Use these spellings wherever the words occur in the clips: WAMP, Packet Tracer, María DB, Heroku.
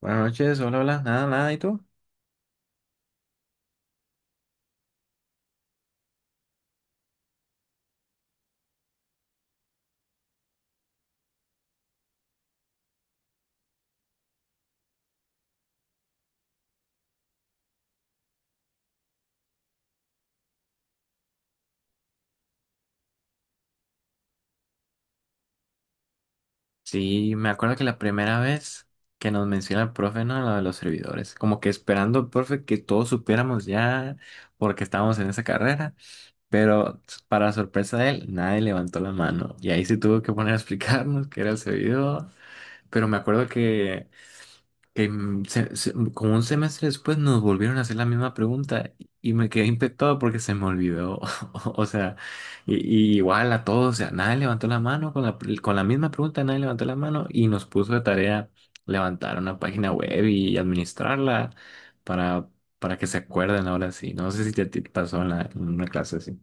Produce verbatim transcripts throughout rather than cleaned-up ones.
Buenas noches, hola, hola, nada, nada, ¿y tú? Sí, me acuerdo que la primera vez que nos menciona el profe, ¿no? Lo de los servidores, como que esperando el profe que todos supiéramos ya porque estábamos en esa carrera, pero para sorpresa de él, nadie levantó la mano y ahí se tuvo que poner a explicarnos qué era el servidor, pero me acuerdo que que mm, se- se- mm, como un semestre después nos volvieron a hacer la misma pregunta y y me quedé impactado porque se me olvidó. O sea, y, y igual a todos, o sea, nadie levantó la mano con la, pr- con la misma pregunta, nadie levantó la mano y nos puso de tarea levantar una página web y administrarla para, para que se acuerden ahora sí. No sé si te, te pasó en, la- en una clase así.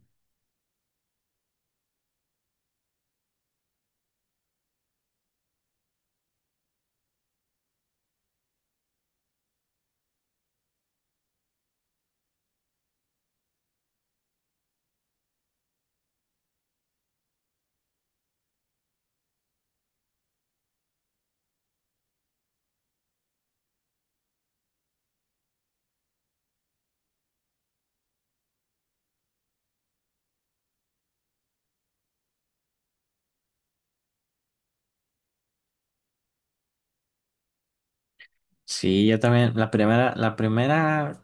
Sí, yo también, la primera, la primera.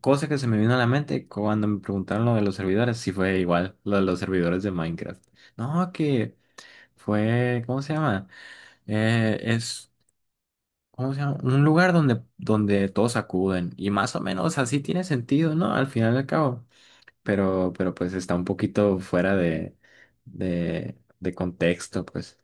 Cosa que se me vino a la mente cuando me preguntaron lo de los servidores, si fue igual, lo de los servidores de Minecraft. No, que fue, ¿cómo se llama? Eh, es, ¿cómo se llama? Un lugar donde, donde todos acuden. Y más o menos así tiene sentido, ¿no? Al final y al cabo. Pero, pero pues está un poquito fuera de, de, de contexto, pues.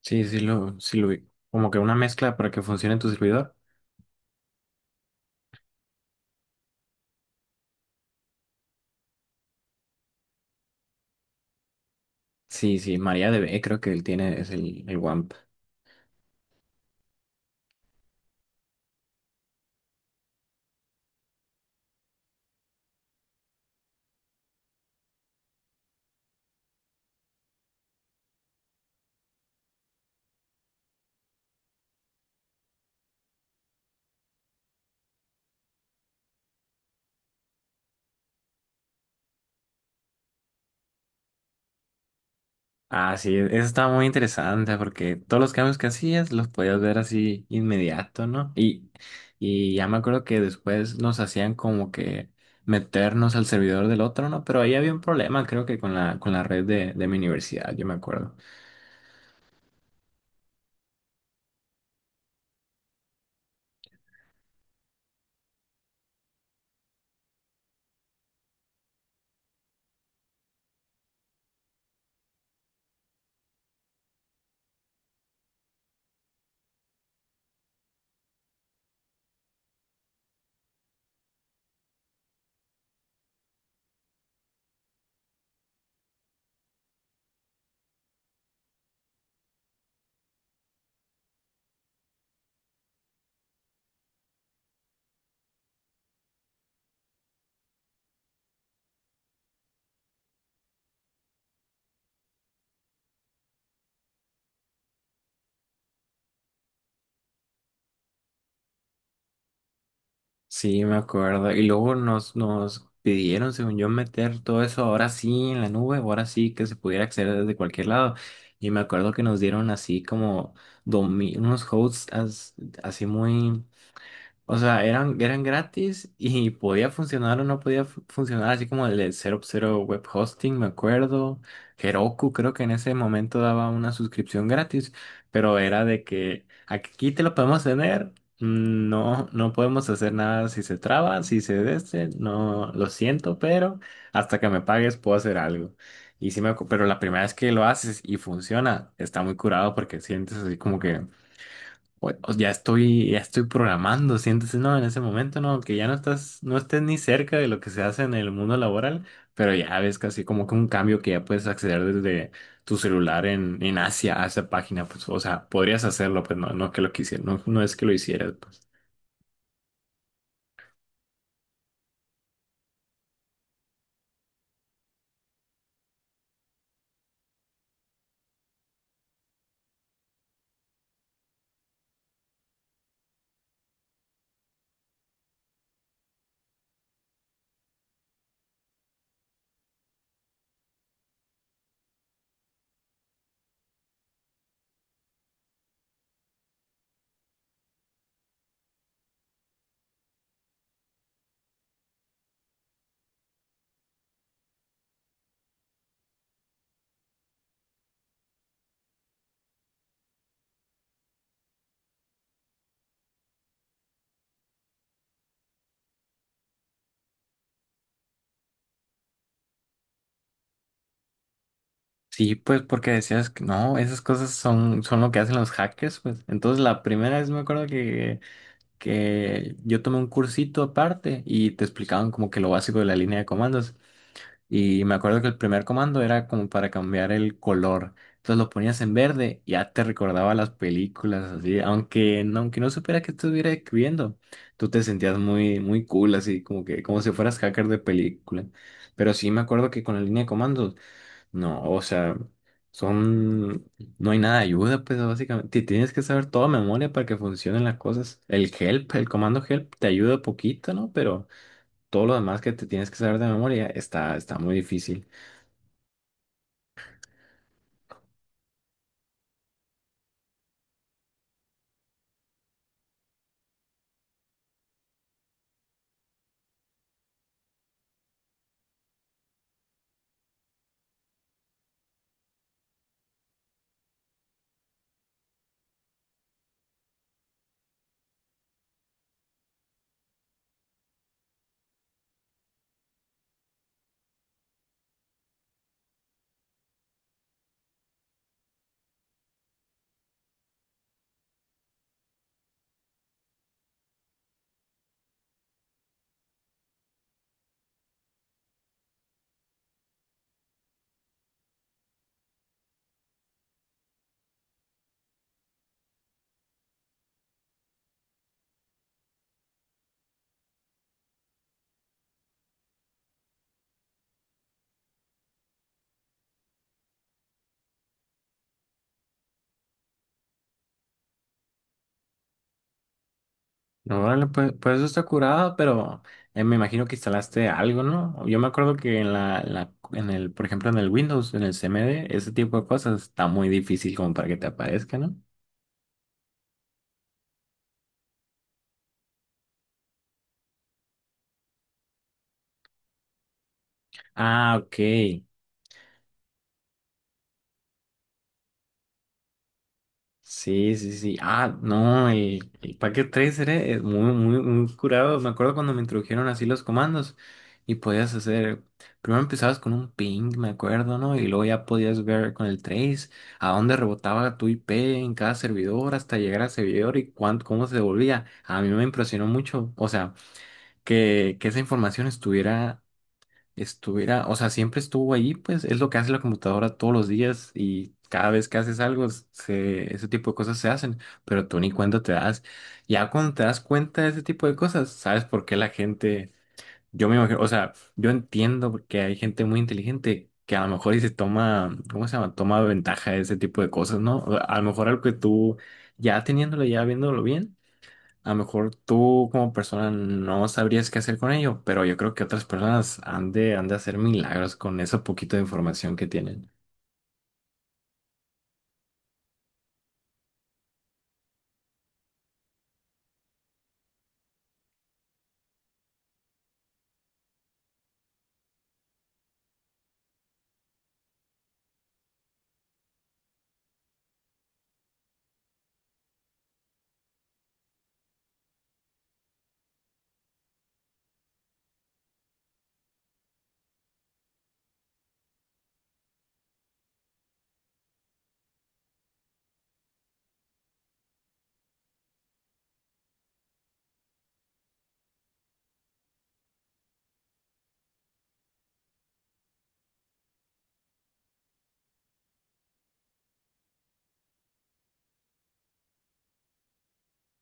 Sí, sí lo, sí lo vi. Como que una mezcla para que funcione en tu servidor. Sí, sí, María D B creo que él tiene, es el, el WAMP. Ah, sí, e-, eso estaba muy interesante porque todos los cambios que hacías los podías ver así inmediato, ¿no? Y, y ya me acuerdo que después nos hacían como que meternos al servidor del otro, ¿no? Pero ahí había un problema, creo que con la, con la red de, de mi universidad, yo me acuerdo. Sí, me acuerdo. Y luego nos, nos pidieron, según yo, meter todo eso ahora sí en la nube, ahora sí que se pudiera acceder desde cualquier lado. Y me acuerdo que nos dieron así como domi- unos hosts as- así muy. O sea, eran, eran gratis y podía funcionar o no podía fu- funcionar, así como el de cero cero Web Hosting, me acuerdo. Heroku creo que en ese momento daba una suscripción gratis, pero era de que aquí te lo podemos tener, mm, no, no podemos hacer nada si se traba, si se deste, no, lo siento, pero hasta que me pagues puedo hacer algo. Y sí me, acu- pero la primera vez que lo haces y funciona, está muy curado porque sientes así como que o- o ya estoy, ya estoy programando, siéntese, no, en ese momento, no, que ya no estás, no estés ni cerca de lo que se hace en el mundo laboral, pero ya ves casi como que un cambio que ya puedes acceder desde tu celular en, en Asia a esa página, pues, o sea, podrías hacerlo, pues no, no que lo quisieras, no, no es que lo hicieras, pues. Sí, pues porque decías que no, esas cosas son, son lo que hacen los hackers, pues. Entonces la primera vez me acuerdo que, que yo tomé un cursito aparte y te explicaban como que lo básico de la línea de comandos. Y me acuerdo que el primer comando era como para cambiar el color. Entonces lo ponías en verde, y ya te recordaba las películas, así, aunque no, aunque no supiera que estuviera escribiendo, tú te sentías muy, muy cool, así, como que, como si fueras hacker de película. Pero sí me acuerdo que con la línea de comandos, no, o sea, son, no hay nada de ayuda, pues básicamente, te tienes que saber toda memoria para que funcionen las cosas. El help, el comando help te ayuda poquito, ¿no? Pero todo lo demás que te tienes que saber de memoria está, está muy difícil. No, órale, pues, pues eso está curado, pero eh, me imagino que instalaste algo, ¿no? Yo me acuerdo que en la, en la- en el, por ejemplo, en el Windows, en el C M D, ese tipo de cosas está muy difícil como para que te aparezca, ¿no? Ah, ok. Sí, sí, sí. Ah, no, el, el Packet Tracer eh, es muy, muy, muy curado. Me acuerdo cuando me introdujeron así los comandos y podías hacer, primero empezabas con un ping, me acuerdo, ¿no? Y luego ya podías ver con el trace a dónde rebotaba tu I P en cada servidor hasta llegar al servidor y cuánto, cómo se devolvía. A mí me impresionó mucho, o sea, que, que esa información estuviera estuviera, o sea, siempre estuvo ahí, pues es lo que hace la computadora todos los días y cada vez que haces algo, se, ese tipo de cosas se hacen, pero tú ni cuenta te das. Ya cuando te das cuenta de ese tipo de cosas, sabes por qué la gente, yo me imagino, o sea, yo entiendo que hay gente muy inteligente que a lo mejor y se toma, ¿cómo se llama? Toma ventaja de ese tipo de cosas, ¿no? A lo mejor algo que tú ya teniéndolo, ya viéndolo bien. A lo mejor tú como persona no sabrías qué hacer con ello, pero yo creo que otras personas han de, han de hacer milagros con ese poquito de información que tienen.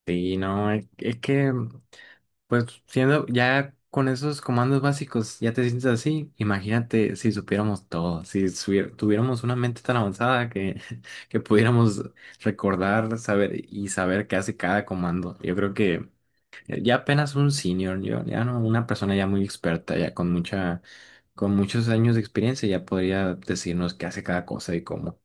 Sí, no, es, es que, pues siendo ya con esos comandos básicos, ya te sientes así. Imagínate si supiéramos todo, si subier- tuviéramos una mente tan avanzada que, que pudiéramos recordar, saber y saber qué hace cada comando. Yo creo que eh, ya apenas un senior, yo, ya no, una persona ya muy experta, ya con mucha, con muchos años de experiencia, ya podría decirnos qué hace cada cosa y cómo.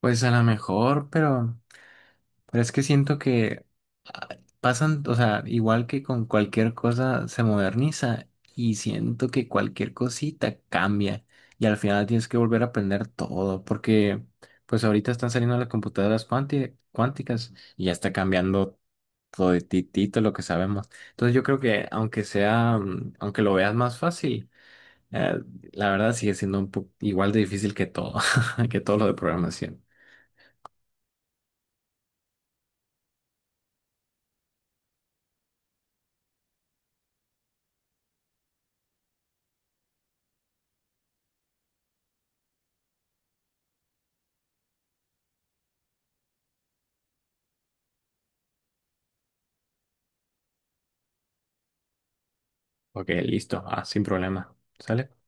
Pues a lo mejor, pero, pero es que siento que ah, pasan, o sea, igual que con cualquier cosa se moderniza y siento que cualquier cosita cambia y al final tienes que volver a aprender todo porque pues ahorita están saliendo las computadoras cuanti- cuánticas y ya está cambiando toditito lo que sabemos. Entonces yo creo que aunque sea, mm, aunque lo veas más fácil, eh, la verdad sigue siendo un poco igual de difícil que todo, que todo lo de programación. Ok, listo, ah, sin problema. ¿Sale?